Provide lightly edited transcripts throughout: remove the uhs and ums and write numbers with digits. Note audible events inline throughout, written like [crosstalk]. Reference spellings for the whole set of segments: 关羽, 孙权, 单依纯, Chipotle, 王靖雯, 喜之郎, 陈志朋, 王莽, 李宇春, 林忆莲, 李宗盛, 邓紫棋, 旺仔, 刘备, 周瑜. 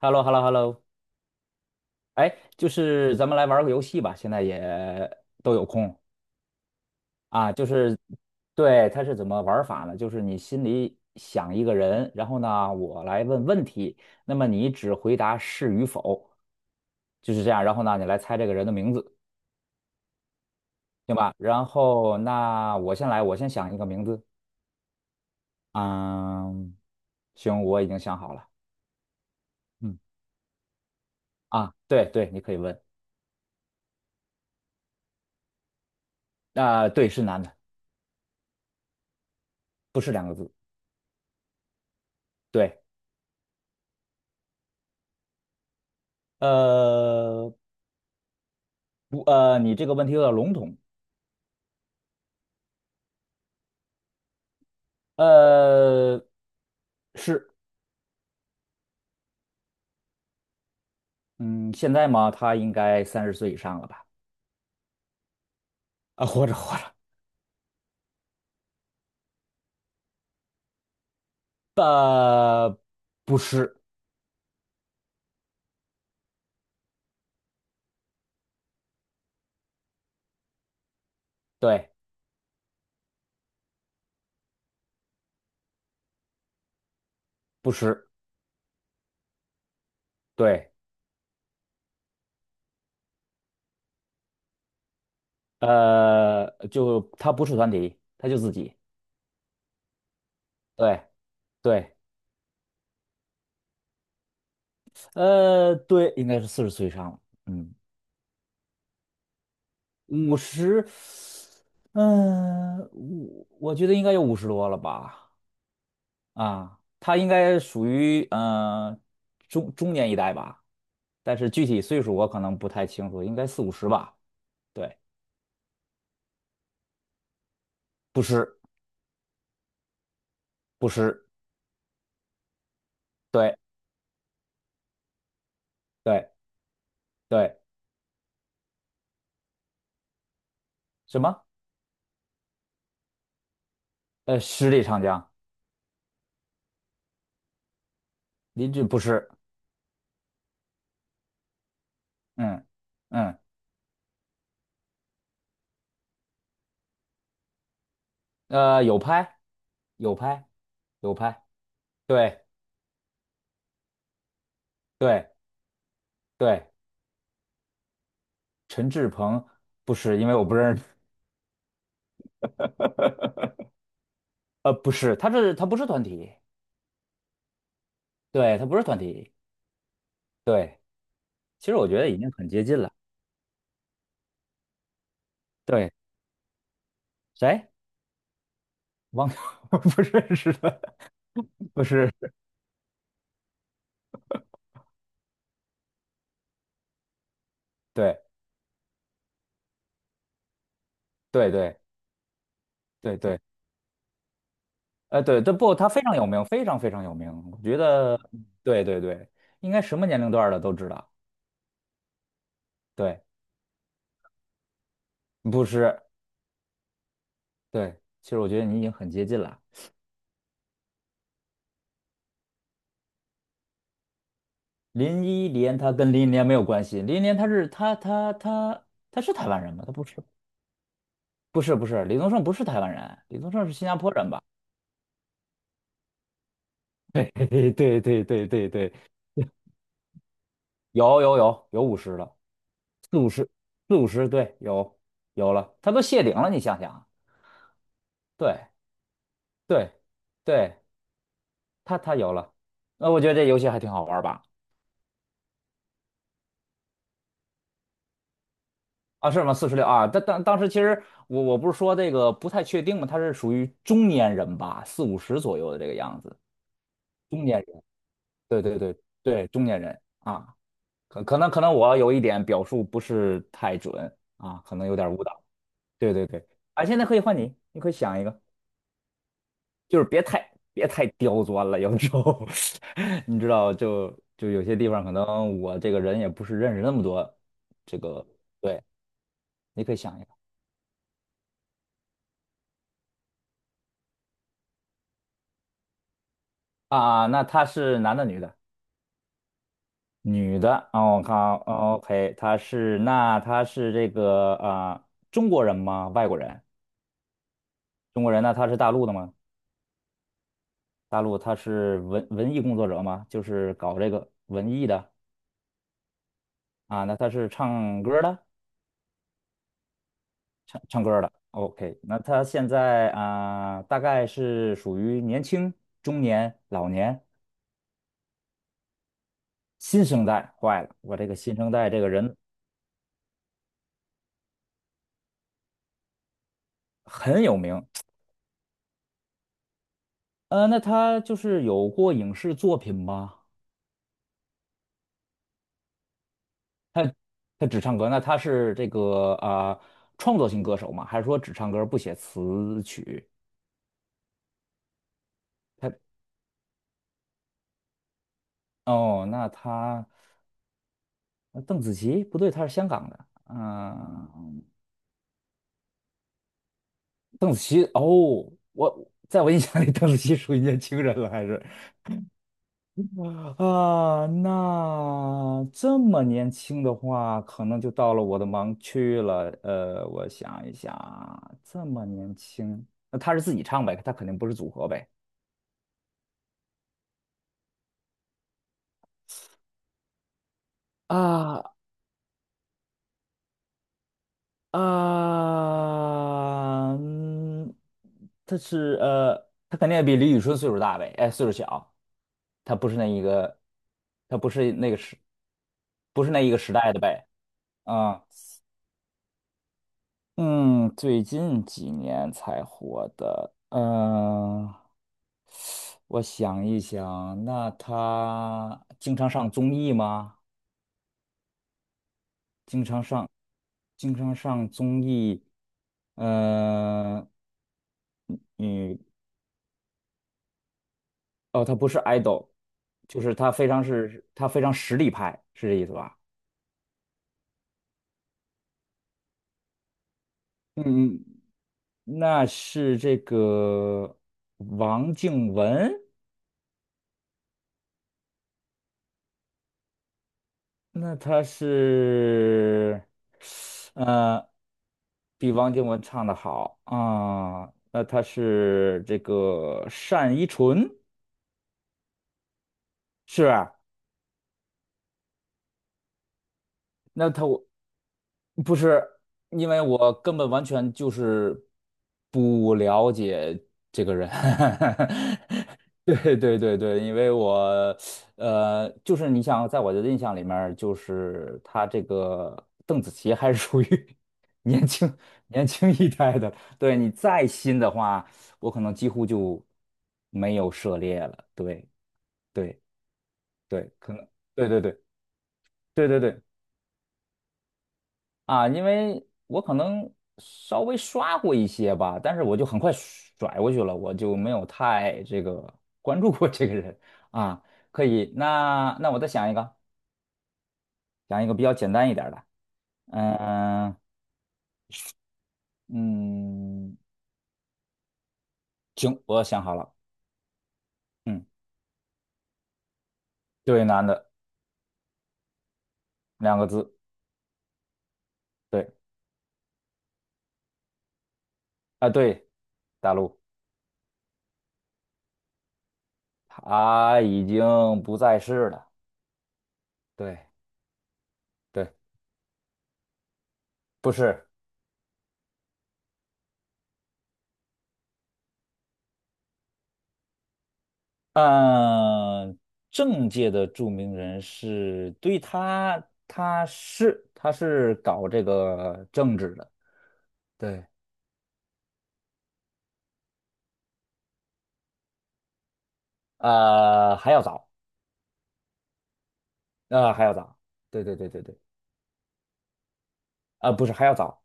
h e l l o h e l l o h e l l o 哎，就是咱们来玩个游戏吧，现在也都有空啊。就是对，它是怎么玩法呢？就是你心里想一个人，然后呢，我来问问题，那么你只回答是与否，就是这样。然后呢，你来猜这个人的名字，行吧？然后那我先来，我先想一个名字。嗯，行，我已经想好了。嗯，啊，对对，你可以问。啊、对，是男的，不是两个字。对。呃，不，你这个问题有点笼统。呃，是，嗯，现在嘛，他应该30岁以上了吧？啊，活着活着。呃，不是，对，不是，对，就他不是团体，他就自己。对，对，对，应该是40岁以上了。嗯，五十，嗯，我觉得应该有50多了吧。啊，他应该属于中年一代吧，但是具体岁数我可能不太清楚，应该四五十吧。对，不是不是，对对对，什么？十里长江。林志不是。嗯嗯，有拍有拍有拍。对对对，陈志朋不是，因为我不认识。不是，他不是团体。对，他不是团体。对，其实我觉得已经很接近了。对。谁？汪洋 [laughs] 不认识的。[laughs] 不是。对对对对对。对，这不，他非常有名，非常非常有名，我觉得。对对对，应该什么年龄段儿的都知道。对，不是，对，其实我觉得你已经很接近了。林忆莲，他跟林忆莲没有关系。林忆莲她是台湾人吗？她不是。不是不是，李宗盛不是台湾人，李宗盛是新加坡人吧？对。 [laughs] 对对对对对。有有有有五十了。四五十，四五十，对，有了，它都谢顶了，你想想啊。对对对，它有了。那我觉得这游戏还挺好玩儿吧？啊，是吗？46啊？但当时其实我不是说这个不太确定嘛。他是属于中年人吧，四五十左右的这个样子。中年人。对对对对。中年人啊。可能我有一点表述不是太准啊，可能有点误导。对对对。啊，现在可以换你，你可以想一个。就是别太刁钻了，有时候 [laughs] 你知道，就有些地方可能我这个人也不是认识那么多。这个对，你可以想一个。啊，那他是男的女的？女的。哦，我看哦。OK,他是这个啊、中国人吗？外国人？中国人。那他是大陆的吗？大陆。他是文艺工作者吗？就是搞这个文艺的。啊，那他是唱歌儿的。OK,那他现在啊、大概是属于年轻、中年、老年、新生代。坏了，我这个新生代这个人很有名。那他就是有过影视作品吗？他他只唱歌。那他是这个啊、创作型歌手吗？还是说只唱歌不写词曲？他哦，那他呃邓紫棋不对，他是香港的。嗯、邓紫棋哦，我在我印象里，邓紫棋属于年轻人了，还是啊？那这么年轻的话，可能就到了我的盲区了。我想一想，这么年轻，那她是自己唱呗，她肯定不是组合呗。啊啊。嗯，他是呃，他肯定也比李宇春岁数大呗。哎，岁数小，他不是那一个。他不是那个时，不是那一个时代的呗。啊。嗯，最近几年才火的。嗯、我想一想，那他经常上综艺吗？经常上，经常上综艺。嗯、呃，女哦，他不是 idol。就是他非常实力派，是这意思吧？嗯嗯，那是这个王靖雯？那他是，呃，比王靖雯唱的好啊。那他是这个单依纯，是吧？我不是，因为我根本完全就是不了解这个人。[laughs] 对对对对。因为我就是你想，在我的印象里面儿就是他这个邓紫棋还是属于 [laughs] 年轻年轻一代的。对你再新的话，我可能几乎就没有涉猎了。对对对，可能对对对对对对。啊，因为我可能稍微刷过一些吧，但是我就很快甩过去了，我就没有太这个关注过这个人啊。可以，那我再想一个，想一个比较简单一点儿的。嗯嗯。行，我想好了。嗯，对，男的，两个字。对啊，对，大陆，他已经不在世了。对对，不是。嗯，政界的著名人士，对他，他是搞这个政治的。对，还要早。还要早。对对对对对。啊、不是还要早。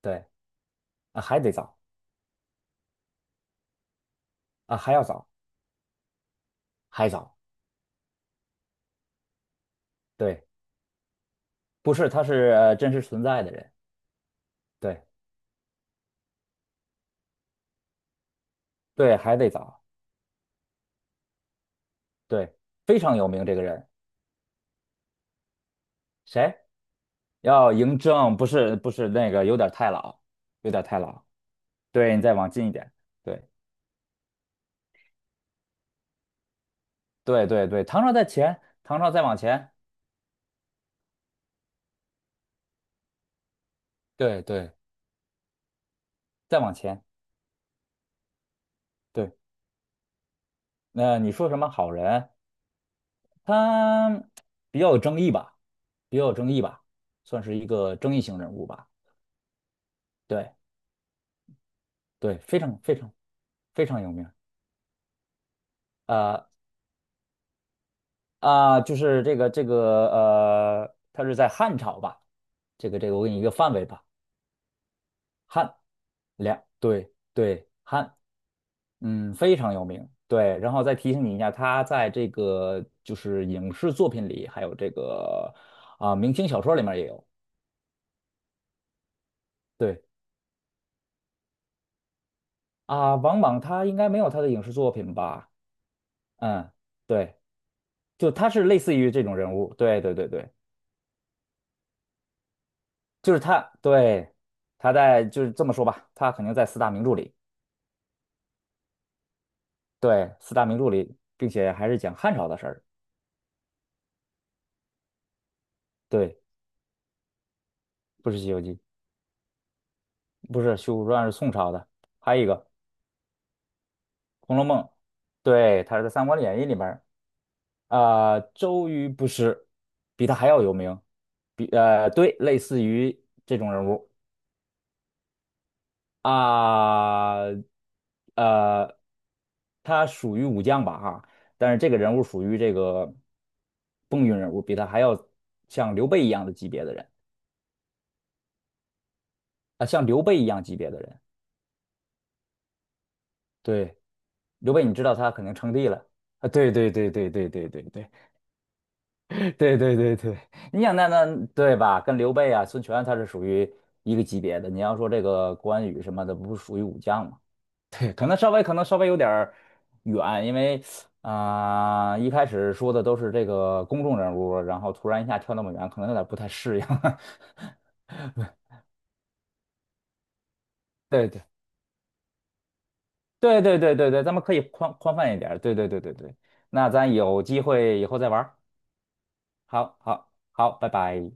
对。啊、还得早。啊、还要早。还早。对，不是，他是真实存在的人。对对，还得早。对，非常有名这个人。谁？要嬴政，不是不是那个，有点太老，有点太老。对你再往近一点。对。对对对，唐朝在前，唐朝再往前，对对，再往前。对，那你说什么好人？他比较有争议吧，比较有争议吧，算是一个争议性人物吧。对对，非常非常非常有名。呃就是这个这个他是在汉朝吧？这个这个，我给你一个范围吧。汉两对对汉。非常有名。对，然后再提醒你一下，他在这个就是影视作品里，还有这个啊、明清小说里面也有。对啊、王莽他应该没有他的影视作品吧？嗯，对，就他是类似于这种人物。对对对对，就是他，对，他在就是这么说吧，他肯定在四大名著里，对，四大名著里，并且还是讲汉朝的事儿。对，不是《西游记》，不是《水浒传》是宋朝的，还有一个《红楼梦》。对，他是在《三国演义》里面。啊，周瑜不是，比他还要有名。对，类似于这种人物啊。呃，他属于武将吧哈，但是这个人物属于这个风云人物，比他还要像刘备一样的级别的人啊，像刘备一样级别的人。对，刘备你知道他肯定称帝了啊。对对对对对对对对。对对对对。你想那对吧？跟刘备啊、孙权他是属于一个级别的。你要说这个关羽什么的，不是属于武将吗？[laughs] 对，可能稍微有点儿远，因为啊、一开始说的都是这个公众人物，然后突然一下跳那么远，可能有点不太适应。[laughs] 对对对对对对对。咱们可以宽泛一点儿。对对对对对，那咱有机会以后再玩儿。好好好。拜拜。